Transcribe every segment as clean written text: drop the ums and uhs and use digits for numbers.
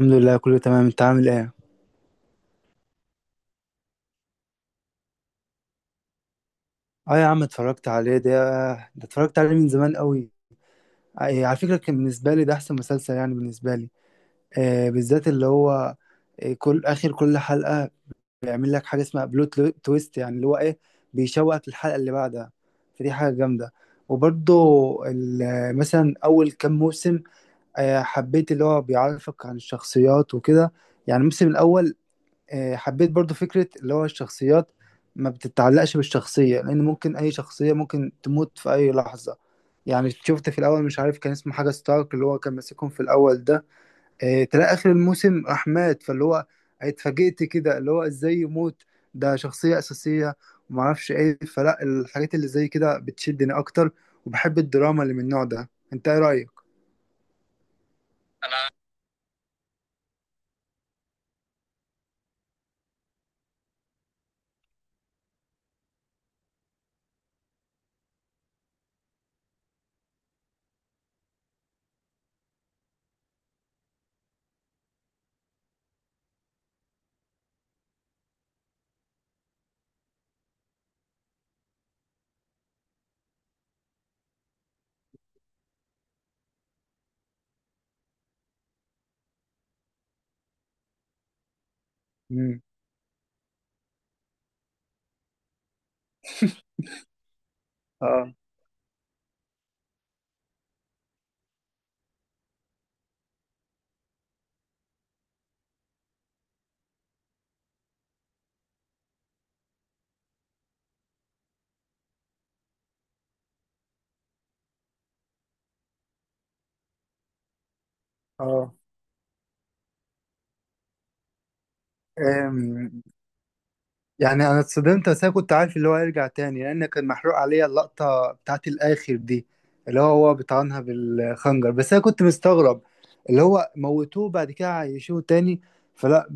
الحمد لله، كله تمام. انت عامل ايه؟ اه يا عم اتفرجت عليه. ده اتفرجت عليه من زمان قوي. اه، إيه، على فكرة كان بالنسبة لي ده احسن مسلسل، يعني بالنسبة لي. بالذات اللي هو كل اخر كل حلقة بيعمل لك حاجة اسمها تويست، يعني اللي هو ايه، بيشوقك للحلقة اللي بعدها. فدي حاجة جامدة. وبرضه مثلا اول كام موسم حبيت اللي هو بيعرفك عن الشخصيات وكده، يعني الموسم الاول. حبيت برضو فكرة اللي هو الشخصيات ما بتتعلقش بالشخصية، لأن ممكن أي شخصية ممكن تموت في أي لحظة. يعني شفت في الأول مش عارف كان اسمه حاجة ستارك، اللي هو كان ماسكهم في الأول ده. تلاقي آخر الموسم راح مات، فاللي هو اتفاجئت كده اللي هو إزاي يموت، ده شخصية أساسية. ومعرفش إيه، فلا الحاجات اللي زي كده بتشدني أكتر. وبحب الدراما اللي من النوع ده. أنت إيه رأيك؟ مم. اه. اه، يعني انا اتصدمت، بس انا كنت عارف اللي هو هيرجع تاني، لان كان محروق عليا اللقطه بتاعت الاخر دي، اللي هو هو بيطعنها بالخنجر. بس انا كنت مستغرب اللي هو موتوه بعد كده عايشوه تاني. فلا،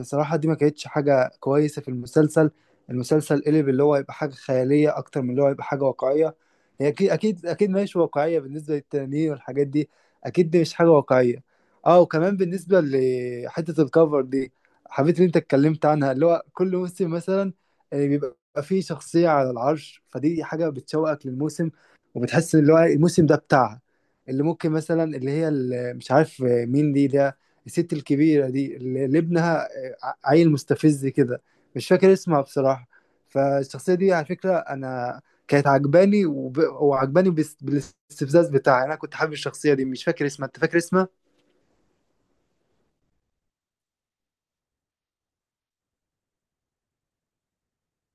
بصراحه دي ما كانتش حاجه كويسه في المسلسل. المسلسل قلب اللي هو يبقى حاجه خياليه اكتر من اللي هو يبقى حاجه واقعيه. هي اكيد اكيد اكيد ماشي واقعيه بالنسبه للتنانين والحاجات دي، اكيد دي مش حاجه واقعيه. اه، وكمان بالنسبه لحته الكفر دي، حبيت ان انت اتكلمت عنها، اللي هو كل موسم مثلا بيبقى فيه شخصية على العرش، فدي حاجة بتشوقك للموسم، وبتحس اللي هو الموسم ده بتاعها. اللي ممكن مثلا اللي هي اللي مش عارف، مين دي ده، الست الكبيرة دي اللي اللي ابنها عيل مستفز كده، مش فاكر اسمها بصراحة. فالشخصية دي على فكرة أنا كانت عجباني وعجباني، بالاستفزاز بتاعها. أنا كنت حابب الشخصية دي، مش فاكر اسمها. أنت فاكر اسمها؟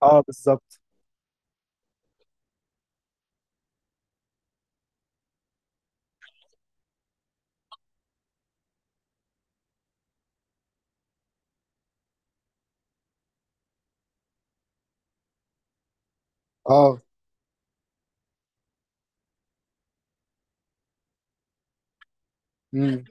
اه بالظبط. اه. امم.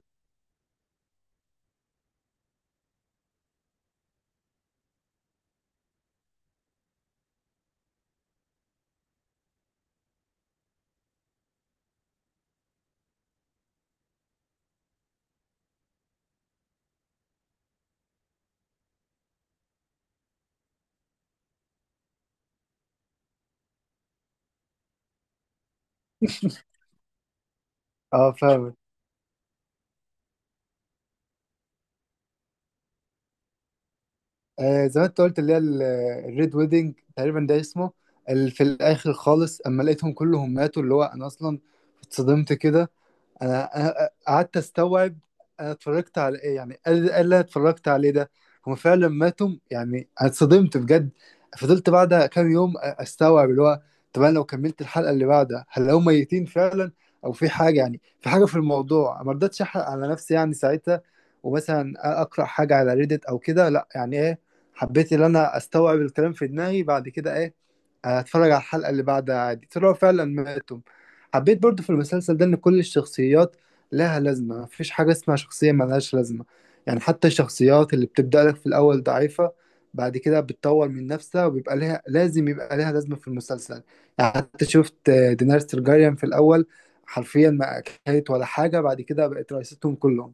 اه. فاهم. آه زي ما انت قلت اللي هي الريد ويدنج تقريبا ده اسمه، في الاخر خالص اما لقيتهم كلهم ماتوا، اللي هو انا اصلا اتصدمت كده. أنا قعدت استوعب انا اتفرجت على ايه، يعني ايه اللي أنا اتفرجت عليه ده. هم فعلا ماتوا؟ يعني انا اتصدمت بجد. فضلت بعدها كام يوم استوعب اللي هو، طب انا لو كملت الحلقه اللي بعدها هل هم ميتين فعلا او في حاجه، يعني في حاجه في الموضوع. ما رضيتش احرق على نفسي يعني ساعتها، ومثلا اقرا حاجه على ريدت او كده. لا، يعني ايه، حبيت ان انا استوعب الكلام في دماغي. بعد كده ايه، هتفرج على الحلقة اللي بعدها عادي، طلعوا فعلا ماتوا. حبيت برضو في المسلسل ده إن كل الشخصيات لها لازمة، مفيش حاجة اسمها شخصية ملهاش لازمة. يعني حتى الشخصيات اللي بتبدأ لك في الأول ضعيفة، بعد كده بتطور من نفسها وبيبقى لها لازم، يبقى لها لازمة في المسلسل. يعني حتى شفت دينارس ترجاريان في الأول حرفيا ما كانت ولا حاجة، بعد كده بقت رئيستهم كلهم.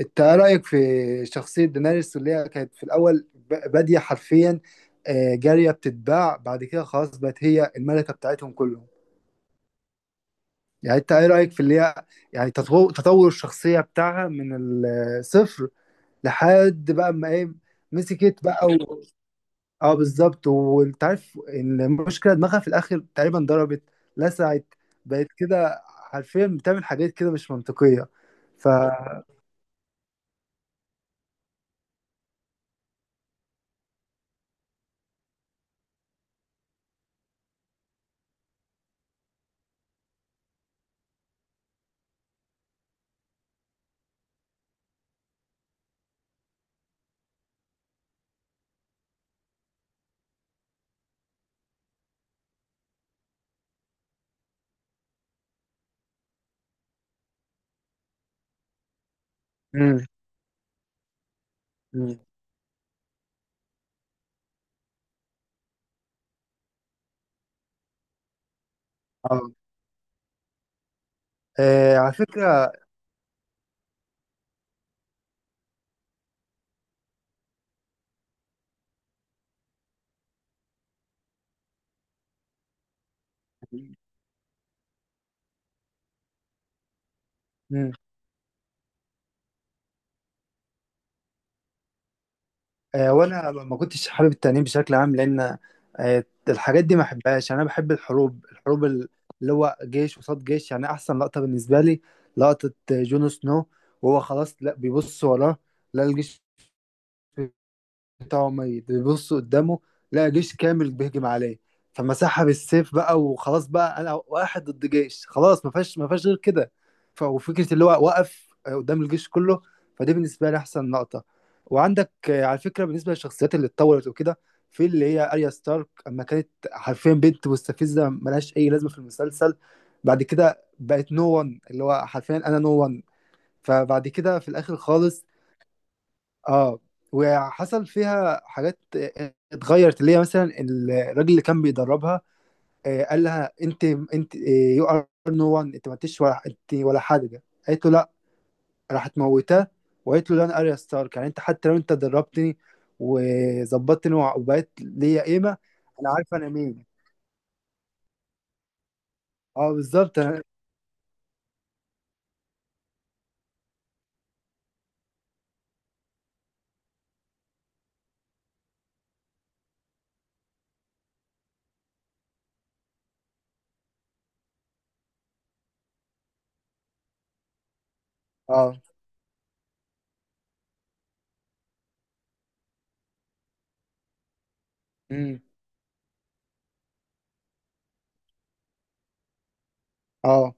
انت ايه رايك في شخصيه دينيريس اللي هي كانت في الاول باديه حرفيا، جاريه بتتباع، بعد كده خلاص بقت هي الملكه بتاعتهم كلهم. يعني انت ايه رايك في اللي هي، يعني تطور الشخصيه بتاعها من الصفر لحد بقى ما ايه، مسكت بقى و... اه بالظبط. وانت عارف إن المشكله دماغها في الاخر تقريبا ضربت، لسعت، بقت كده حرفيا بتعمل حاجات كده مش منطقيه. ف، مم. مم. اه. آه، على فكرة. مم. آه، وانا ما كنتش حابب التأنيب بشكل عام، لان الحاجات دي ما بحبهاش. يعني انا بحب الحروب، اللي هو جيش قصاد جيش. يعني احسن لقطة بالنسبة لي، لقطة جون سنو وهو خلاص لا بيبص وراه، لا الجيش بتاعه ميت، بيبص قدامه لقى جيش كامل بيهجم عليه، فمسحها بالسيف بقى وخلاص بقى انا واحد ضد جيش، خلاص ما فيهاش غير كده. وفكره اللي هو وقف قدام الجيش كله، فدي بالنسبه لي احسن لقطه. وعندك على فكره بالنسبه للشخصيات اللي اتطورت وكده، في اللي هي اريا ستارك، اما كانت حرفيا بنت مستفزه ملهاش اي لازمه في المسلسل، بعد كده بقت نو وان، اللي هو حرفيا انا نو وان. فبعد كده في الاخر خالص. اه. وحصل فيها حاجات اتغيرت، اللي هي مثلا الراجل اللي كان بيدربها قال لها انت يو ار نو وان، انت ما انتش ولا انت ولا حاجه، قالت له لا، راحت موتاه. وقالت له لا انا اريا ستارك، يعني انت حتى لو انت دربتني وظبطتني وبقيت ليا قيمه، انا عارفه انا مين. اه بالظبط. انا اه. امم. اه.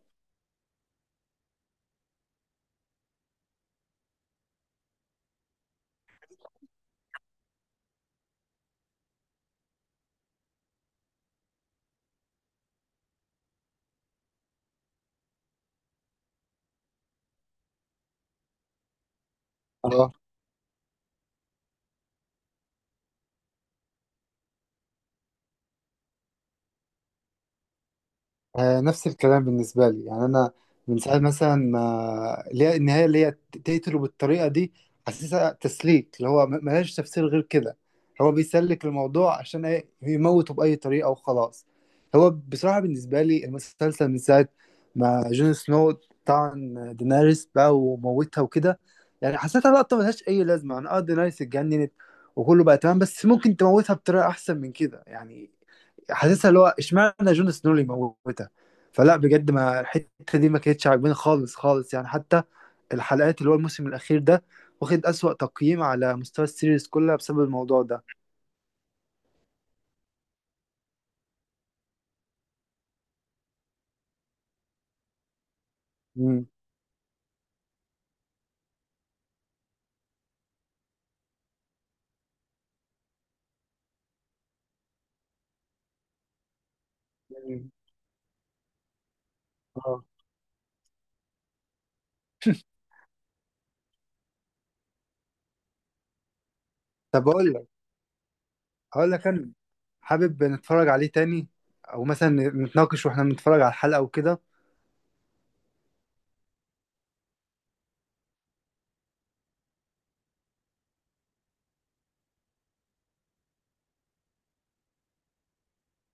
اه. آه، نفس الكلام بالنسبة لي. يعني أنا من ساعة مثلا ما اللي هي النهاية اللي هي تقتله بالطريقة دي، حاسسها تسليك، اللي هو ملهاش تفسير غير كده. هو بيسلك الموضوع عشان إيه؟ يموته بأي طريقة وخلاص. هو بصراحة بالنسبة لي المسلسل من ساعة ما جون سنو طعن دينيريس بقى وموتها وكده، يعني حسيتها لقطة ملهاش أي لازمة. أنا أه دينيريس اتجننت وكله بقى تمام، بس ممكن تموتها بطريقة أحسن من كده يعني. حاسسها اللي هو اشمعنى جون سنو اللي يموتها. فلا بجد ما الحته دي ما كانتش عاجباني خالص خالص. يعني حتى الحلقات اللي هو الموسم الاخير ده واخد اسوأ تقييم على مستوى السيريز كلها بسبب الموضوع ده. مم. مم. اه. طب اقول لك، هقول لك انا حابب نتفرج عليه تاني، او مثلا نتناقش واحنا بنتفرج على الحلقه وكده.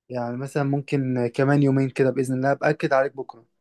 يعني مثلا ممكن كمان يومين كده باذن الله، باكد عليك بكره.